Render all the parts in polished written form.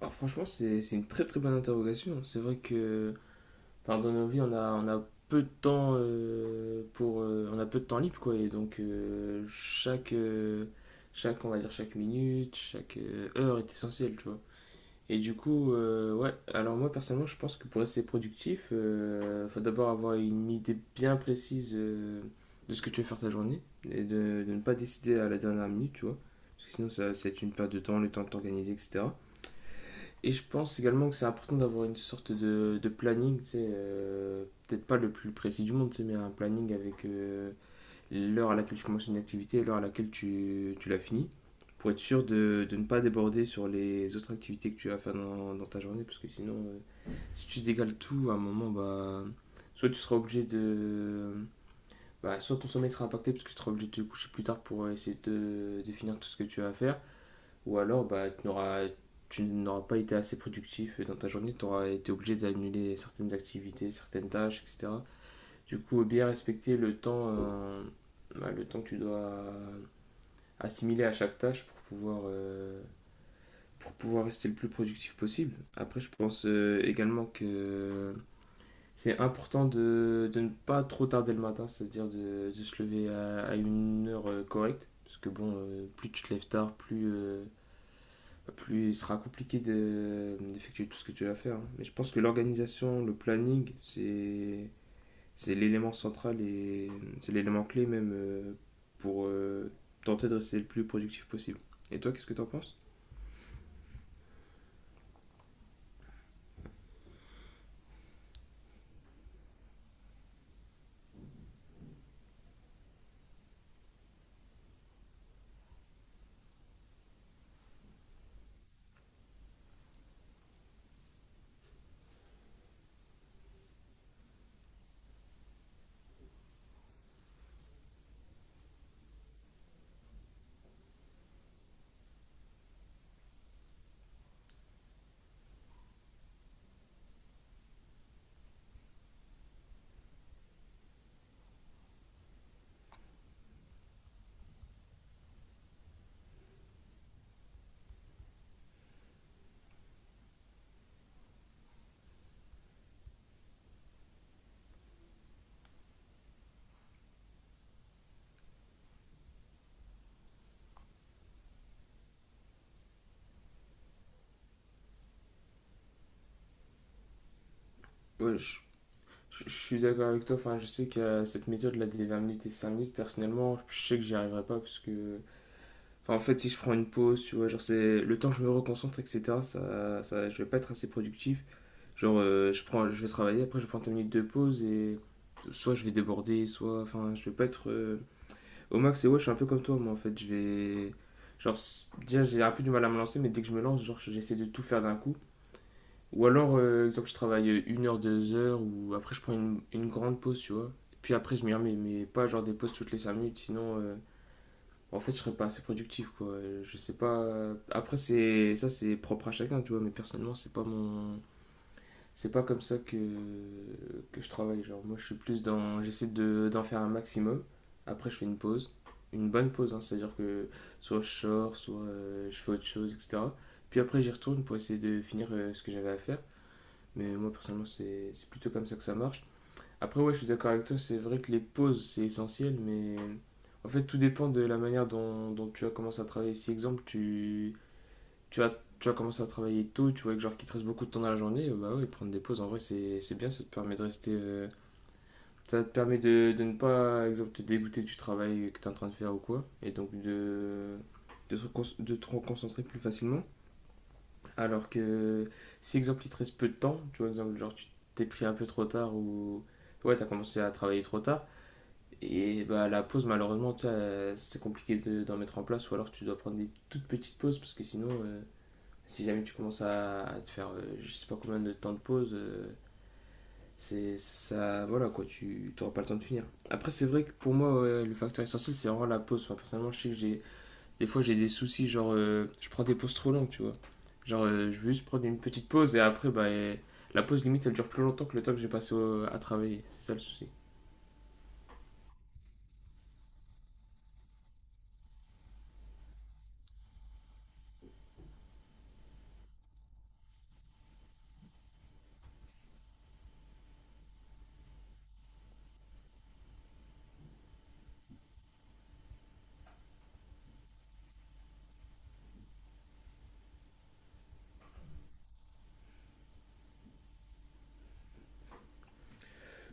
Alors franchement, c'est une très très bonne interrogation. C'est vrai que, enfin, dans nos vies, on a peu de temps, pour on a peu de temps libre, quoi, et donc, chaque on va dire chaque minute, chaque heure est essentielle, tu vois. Et du coup, ouais, alors moi personnellement, je pense que pour rester productif, il faut d'abord avoir une idée bien précise, de ce que tu veux faire ta journée et de ne pas décider à la dernière minute, tu vois. Parce que sinon, ça va être une perte de temps, le temps de t'organiser, etc. Et je pense également que c'est important d'avoir une sorte de planning, tu sais, peut-être pas le plus précis du monde, tu sais, mais un planning avec l'heure à laquelle tu commences une activité et l'heure à laquelle tu l'as finis, pour être sûr de ne pas déborder sur les autres activités que tu vas faire dans ta journée, parce que sinon, si tu dégales tout à un moment, bah, soit tu seras obligé de... Bah, soit ton sommeil sera impacté parce que tu seras obligé de te coucher plus tard pour essayer de définir tout ce que tu vas faire. Ou alors, bah, tu n'auras pas été assez productif dans ta journée, tu auras été obligé d'annuler certaines activités, certaines tâches, etc. Du coup, bien respecter le temps, bah, le temps que tu dois, assimiler à chaque tâche pour pouvoir rester le plus productif possible. Après, je pense, également que c'est important de ne pas trop tarder le matin, c'est-à-dire de se lever à une heure correcte. Parce que bon, plus tu te lèves tard, plus, plus il sera compliqué d'effectuer tout ce que tu vas faire, hein. Mais je pense que l'organisation, le planning, c'est l'élément central et c'est l'élément clé même, pour tenter de rester le plus productif possible. Et toi, qu'est-ce que t'en penses? Ouais, je suis d'accord avec toi. Enfin, je sais que, cette méthode là des 20 minutes et 5 minutes, personnellement, je sais que j'y arriverai pas parce que. Enfin, en fait, si je prends une pause, tu vois, genre c'est le temps que je me reconcentre, etc., je vais pas être assez productif. Genre, je vais travailler, après je prends 10 minutes de pause et soit je vais déborder, soit. Enfin, je vais pas être, au max. Et ouais, je suis un peu comme toi, moi en fait. Je vais. Genre, déjà, j'ai un peu du mal à me lancer, mais dès que je me lance, genre, j'essaie de tout faire d'un coup. Ou alors, exemple, je travaille, 1 heure, 2 heures, ou après je prends une grande pause, tu vois. Puis après, je m'y remets, mais pas genre des pauses toutes les 5 minutes, sinon, en fait, je serais pas assez productif, quoi. Je sais pas. Après, c'est ça, c'est propre à chacun, tu vois. Mais personnellement, c'est pas comme ça que je travaille. Genre, moi, je suis plus dans. J'essaie d'en faire un maximum. Après, je fais une pause. Une bonne pause, hein, c'est-à-dire que soit je sors, soit, je fais autre chose, etc. Puis après, j'y retourne pour essayer de finir, ce que j'avais à faire. Mais moi, personnellement, c'est plutôt comme ça que ça marche. Après, ouais, je suis d'accord avec toi, c'est vrai que les pauses, c'est essentiel, mais en fait, tout dépend de la manière dont tu as commencé à travailler. Si, exemple, tu vas, tu vas commencer à travailler tôt, tu vois, que genre qu'il te reste beaucoup de temps dans la journée, bah ouais, prendre des pauses, en vrai, c'est bien, ça te permet de rester, ça te permet de ne pas, exemple, te dégoûter du travail que tu es en train de faire ou quoi, et donc de te reconcentrer plus facilement. Alors que si, exemple, il te reste peu de temps, tu vois, exemple, genre, tu t'es pris un peu trop tard ou. Ouais, t'as commencé à travailler trop tard. Et bah, la pause, malheureusement, tu sais, c'est compliqué d'en mettre en place, ou alors tu dois prendre des toutes petites pauses parce que sinon, si jamais tu commences à te faire, je sais pas combien de temps de pause, c'est ça, voilà quoi, tu n'auras pas le temps de finir. Après, c'est vrai que pour moi, ouais, le facteur essentiel, c'est vraiment la pause. Enfin, personnellement, je sais que j'ai des fois j'ai des soucis, genre, je prends des pauses trop longues, tu vois. Genre, je veux juste prendre une petite pause et après, bah, et la pause limite elle dure plus longtemps que le temps que j'ai passé à travailler, c'est ça le souci.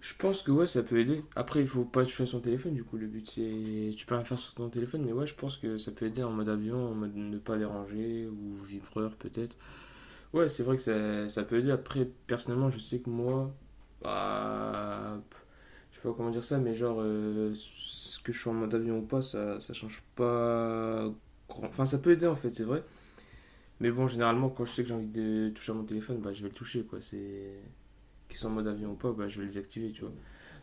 Je pense que ouais, ça peut aider. Après, il faut pas toucher à son téléphone, du coup, le but c'est. Tu peux rien faire sur ton téléphone, mais ouais, je pense que ça peut aider en mode avion, en mode ne pas déranger, ou vibreur peut-être. Ouais, c'est vrai que ça peut aider. Après, personnellement, je sais que moi. Bah. Je sais pas comment dire ça, mais genre, ce que je suis en mode avion ou pas, ça change pas. Enfin, ça peut aider en fait, c'est vrai. Mais bon, généralement, quand je sais que j'ai envie de toucher à mon téléphone, bah je vais le toucher, quoi. C'est. Qu'ils sont en mode avion ou pas, bah je vais les activer, tu vois.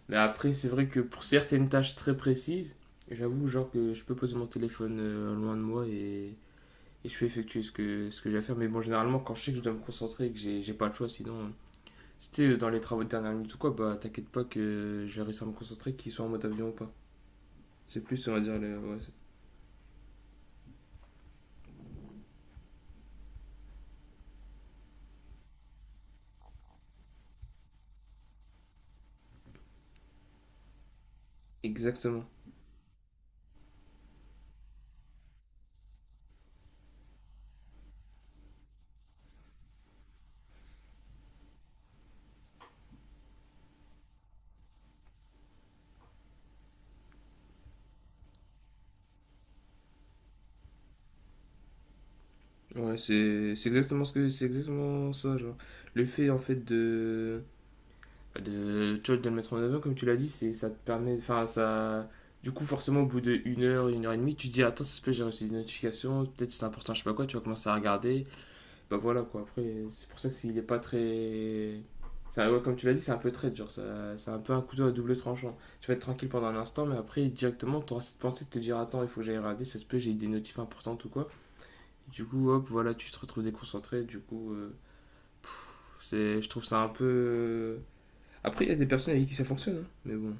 Mais après, c'est vrai que pour certaines tâches très précises, j'avoue, genre que je peux poser mon téléphone, loin de moi et je peux effectuer ce que j'ai à faire. Mais bon, généralement, quand je sais que je dois me concentrer et que j'ai pas le choix, sinon, c'était dans les travaux de dernière minute ou quoi, bah t'inquiète pas que je vais réussir à me concentrer, qu'ils soient en mode avion ou pas. C'est plus, on va dire, le... ouais, exactement. Ouais, c'est exactement ça, genre. Le fait en fait tu vois, de le mettre en avant, comme tu l'as dit, c'est, ça te permet. Enfin, ça. Du coup, forcément, au bout de 1 heure, 1 heure et demie, tu te dis: attends, ça se peut, j'ai reçu des notifications, peut-être c'est important, je sais pas quoi, tu vas commencer à regarder. Bah voilà quoi, après, c'est pour ça que il est pas très. Ça, ouais, comme tu l'as dit, c'est un peu trade, genre, ça, c'est un peu un couteau à double tranchant. Tu vas être tranquille pendant un instant, mais après, directement, tu auras cette pensée de te dire: attends, il faut que j'aille regarder, ça se peut, j'ai eu des notifs importantes ou quoi. Du coup, hop, voilà, tu te retrouves déconcentré, du coup, c'est, je trouve ça un peu. Après, il y a des personnes avec qui ça fonctionne, hein, mais bon.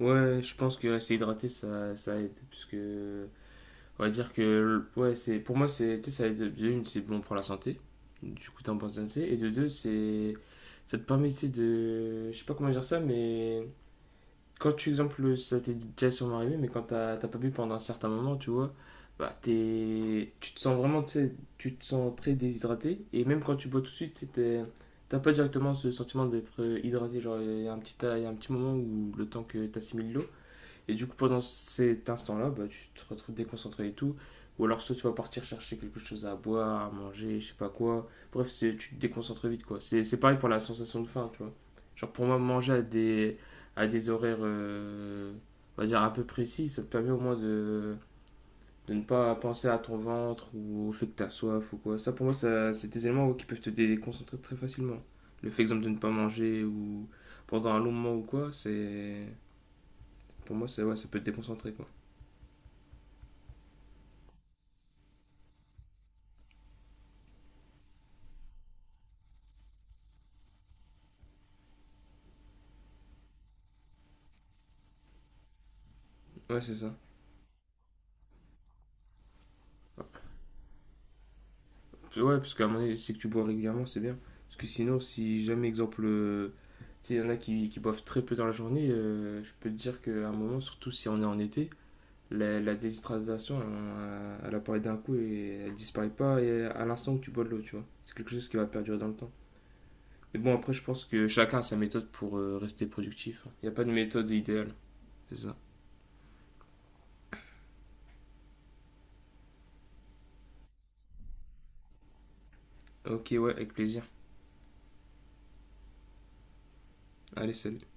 Ouais, je pense que rester hydraté, ça aide. Parce que, on va dire que, ouais, c'est, pour moi, c'est, tu sais, ça aide. De une, c'est bon pour la santé. Du coup, t'es en bonne santé. Et de deux, c'est, ça te permet, tu sais, de, je sais pas comment dire ça, mais quand tu, exemple, ça t'est déjà sûrement arrivé, mais quand t'as pas bu pendant un certain moment, tu vois, bah, t'es, tu te sens vraiment, tu sais, tu te sens très déshydraté. Et même quand tu bois tout de suite, tu sais, t'as pas directement ce sentiment d'être, hydraté. Genre, il y a un petit moment où le temps que t'assimiles l'eau. Et du coup, pendant cet instant-là, bah, tu te retrouves déconcentré et tout. Ou alors, soit tu vas partir chercher quelque chose à boire, à manger, je sais pas quoi. Bref, c'est, tu te déconcentres vite, quoi. C'est pareil pour la sensation de faim, tu vois. Genre, pour moi, manger à des horaires, on va dire, un peu précis, ça te permet au moins de ne pas penser à ton ventre ou au fait que t'as soif ou quoi. Ça, pour moi, ça, c'est des éléments, ouais, qui peuvent te déconcentrer très facilement. Le fait, exemple, de ne pas manger ou pendant un long moment ou quoi, c'est... Pour moi, c'est, ouais, ça peut te déconcentrer, quoi. Ouais, c'est ça. Ouais, ouais, parce qu'à un moment donné, c'est que tu bois régulièrement, c'est bien. Parce que sinon, si jamais, exemple, tu sais, il y en a qui boivent très peu dans la journée, je peux te dire qu'à un moment, surtout si on est en été, la déshydratation, elle apparaît d'un coup et elle disparaît pas et à l'instant que tu bois de l'eau, tu vois. C'est quelque chose qui va perdurer dans le temps. Mais bon, après, je pense que chacun a sa méthode pour, rester productif. Il n'y a pas de méthode idéale, c'est ça. Ok, ouais, avec plaisir. Allez, salut.